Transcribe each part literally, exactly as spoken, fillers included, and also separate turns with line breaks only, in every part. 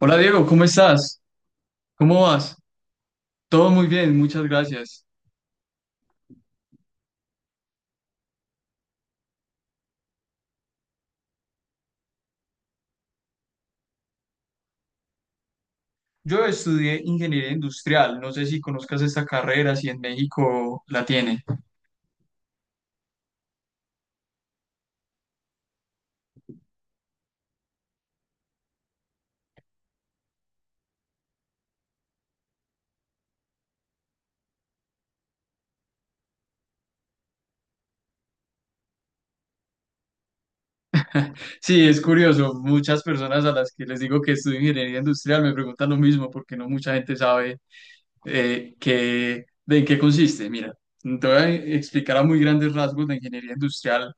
Hola Diego, ¿cómo estás? ¿Cómo vas? Todo muy bien, muchas gracias. Yo estudié ingeniería industrial, no sé si conozcas esta carrera, si en México la tiene. Sí, es curioso, muchas personas a las que les digo que estudio ingeniería industrial me preguntan lo mismo porque no mucha gente sabe eh, que- de en qué consiste. Mira, te voy a explicar a muy grandes rasgos la ingeniería industrial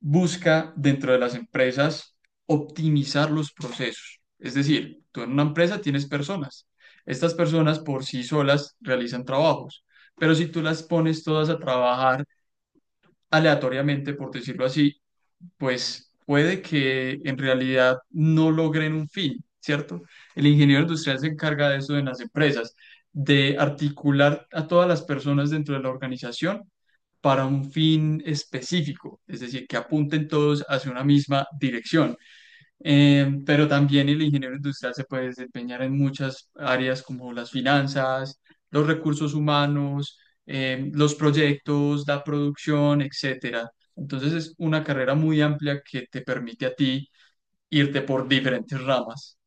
busca dentro de las empresas optimizar los procesos. Es decir, tú en una empresa tienes personas. Estas personas por sí solas realizan trabajos, pero si tú las pones todas a trabajar aleatoriamente, por decirlo así, pues puede que en realidad no logren un fin, ¿cierto? El ingeniero industrial se encarga de eso en las empresas, de articular a todas las personas dentro de la organización para un fin específico, es decir, que apunten todos hacia una misma dirección. Eh, pero también el ingeniero industrial se puede desempeñar en muchas áreas como las finanzas, los recursos humanos, eh, los proyectos, la producción, etcétera. Entonces es una carrera muy amplia que te permite a ti irte por diferentes ramas.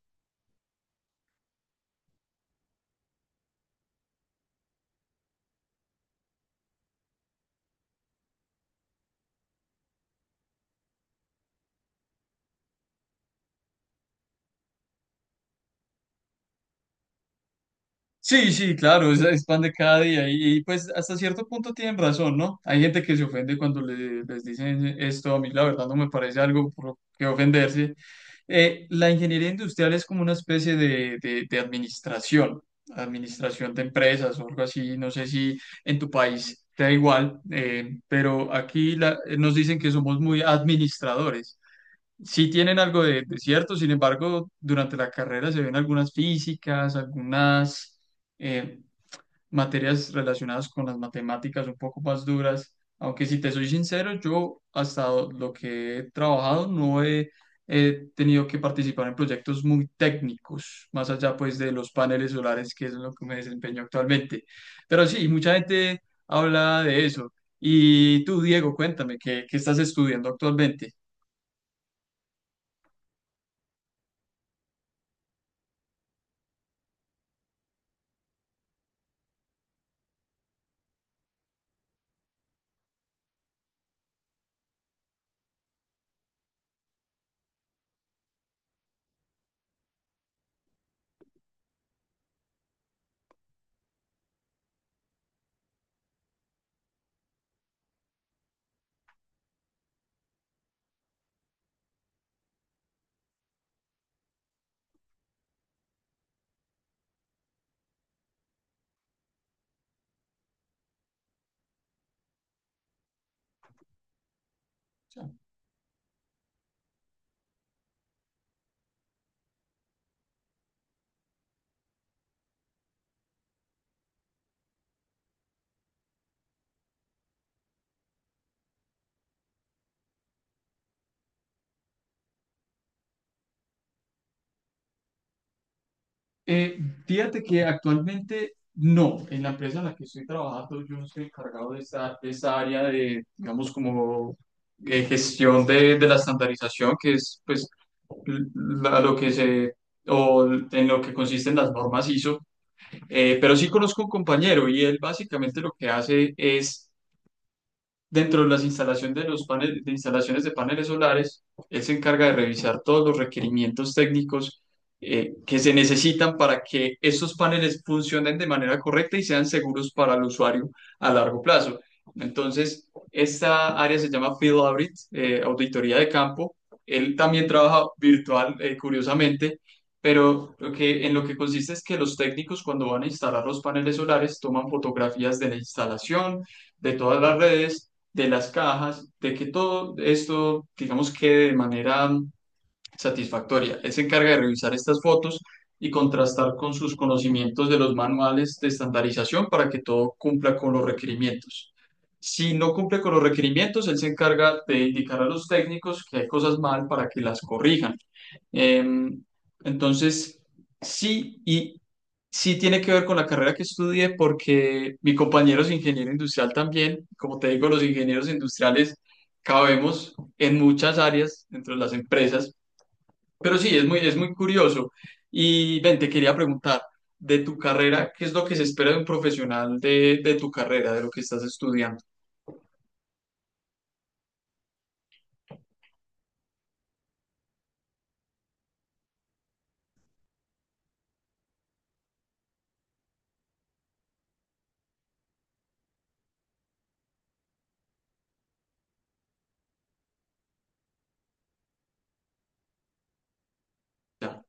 Sí, sí, claro, es, es pan de cada día y, y, pues hasta cierto punto tienen razón, ¿no? Hay gente que se ofende cuando le- les dicen esto, a mí la verdad no me parece algo por lo que ofenderse. Eh, la ingeniería industrial es como una especie de, de, de administración, administración de empresas o algo así, no sé si en tu país te da igual, eh, pero aquí la- eh, nos dicen que somos muy administradores. Sí tienen algo de, de cierto, sin embargo, durante la carrera se ven algunas físicas, algunas eh, materias relacionadas con las matemáticas un poco más duras, aunque si te soy sincero, yo hasta lo que he trabajado no he, he tenido que participar en proyectos muy técnicos, más allá pues de los paneles solares, que es en lo que me desempeño actualmente. Pero sí, mucha gente habla de eso. Y tú, Diego, cuéntame, ¿qué, qué estás estudiando actualmente? Eh, Fíjate que actualmente no, en la empresa en la que estoy trabajando yo no estoy encargado de esa de esta área de, digamos, como eh, gestión de, de la estandarización, que es pues l- la- lo que se, o en lo que consisten las normas ISO. Eh, pero sí conozco un compañero y él básicamente lo que hace es dentro de las instalaciones de los paneles, de instalaciones de paneles solares, él se encarga de revisar todos los requerimientos técnicos eh, que se necesitan para que estos paneles funcionen de manera correcta y sean seguros para el usuario a largo plazo. Entonces, esta área se llama Field Audit, eh, auditoría de campo. Él también trabaja virtual, eh, curiosamente, pero lo que, en lo que consiste es que los técnicos cuando van a instalar los paneles solares toman fotografías de la instalación, de todas las redes de las cajas, de que todo esto, digamos, quede de manera satisfactoria. Él se encarga de revisar estas fotos y contrastar con sus conocimientos de los manuales de estandarización para que todo cumpla con los requerimientos. Si no cumple con los requerimientos, él se encarga de indicar a los técnicos que hay cosas mal para que las corrijan. Em, entonces, sí, y sí tiene que ver con la carrera que estudié porque mi compañero es ingeniero industrial también. Como te digo, los ingenieros industriales cabemos en muchas áreas dentro de las empresas. Pero sí, es muy, es muy curioso. Y ven, te quería preguntar, de tu carrera, ¿qué es lo que se espera de un profesional de, de tu carrera, de lo que estás estudiando? Ya.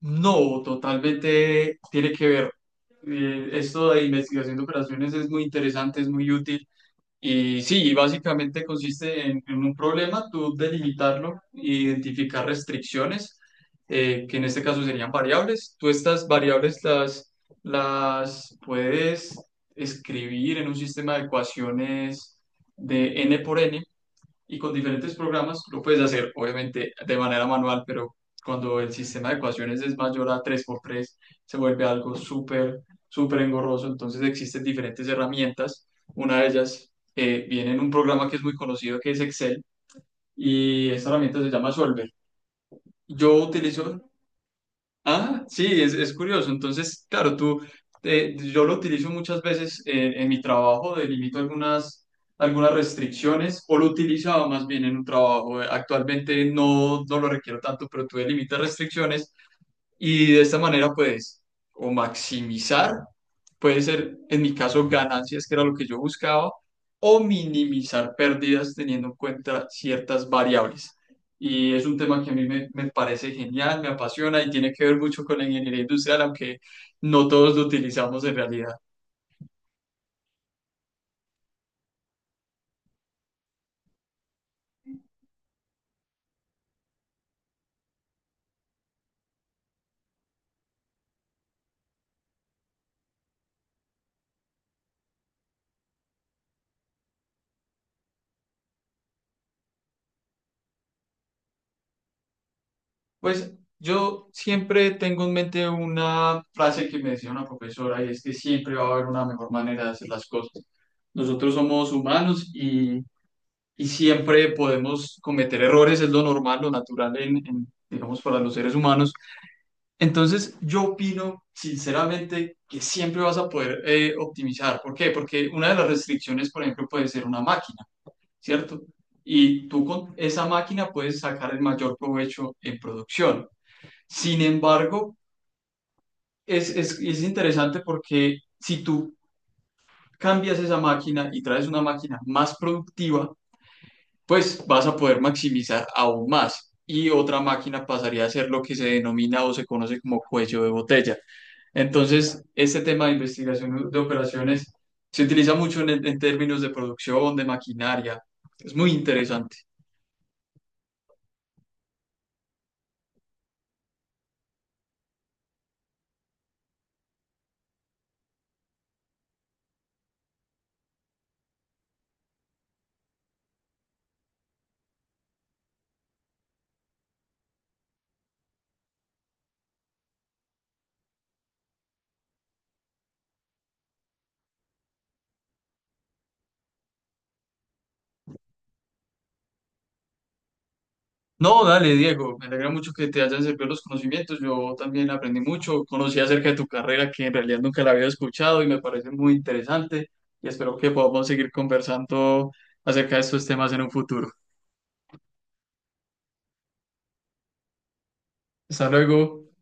No, totalmente tiene que ver. Eh, esto de investigación de operaciones es muy interesante, es muy útil, y sí, y básicamente consiste en, en un problema, tú delimitarlo, identificar restricciones, eh, que en este caso serían variables. Tú estas variables las, las puedes escribir en un sistema de ecuaciones de n por n y con diferentes programas lo puedes hacer, obviamente, de manera manual, pero cuando el sistema de ecuaciones es mayor a tres por tres se vuelve algo súper, súper engorroso. Entonces existen diferentes herramientas. Una de ellas eh, viene en un programa que es muy conocido, que es Excel, y esta herramienta se llama Solver. Yo utilizo. Ah, sí, es, es curioso. Entonces, claro, tú, eh, yo lo utilizo muchas veces eh, en mi trabajo, delimito algunas, algunas restricciones, o lo utilizaba más bien en un trabajo. eh, Actualmente no, no lo requiero tanto, pero tú delimitas restricciones y de esta manera, pues, o maximizar, puede ser, en mi caso, ganancias, que era lo que yo buscaba, o minimizar pérdidas teniendo en cuenta ciertas variables. Y es un tema que a mí me, me parece genial, me apasiona y tiene que ver mucho con la ingeniería industrial, aunque no todos lo utilizamos en realidad. Pues yo siempre tengo en mente una frase que me decía una profesora y es que siempre va a haber una mejor manera de hacer las cosas. Nosotros somos humanos y y siempre podemos cometer errores, es lo normal, lo natural en, en, digamos, para los seres humanos. Entonces, yo opino sinceramente que siempre vas a poder eh, optimizar. ¿Por qué? Porque una de las restricciones, por ejemplo, puede ser una máquina, ¿cierto? Y tú con esa máquina puedes sacar el mayor provecho en producción. Sin embargo, es, es, es interesante porque si tú cambias esa máquina y traes una máquina más productiva, pues vas a poder maximizar aún más. Y otra máquina pasaría a ser lo que se denomina o se conoce como cuello de botella. Entonces, este tema de investigación de operaciones se utiliza mucho en, en términos de producción, de maquinaria. Es muy interesante. No, dale, Diego, me alegra mucho que te hayan servido los conocimientos. Yo también aprendí mucho, conocí acerca de tu carrera que en realidad nunca la había escuchado y me parece muy interesante y espero que podamos seguir conversando acerca de estos temas en un futuro. Hasta luego.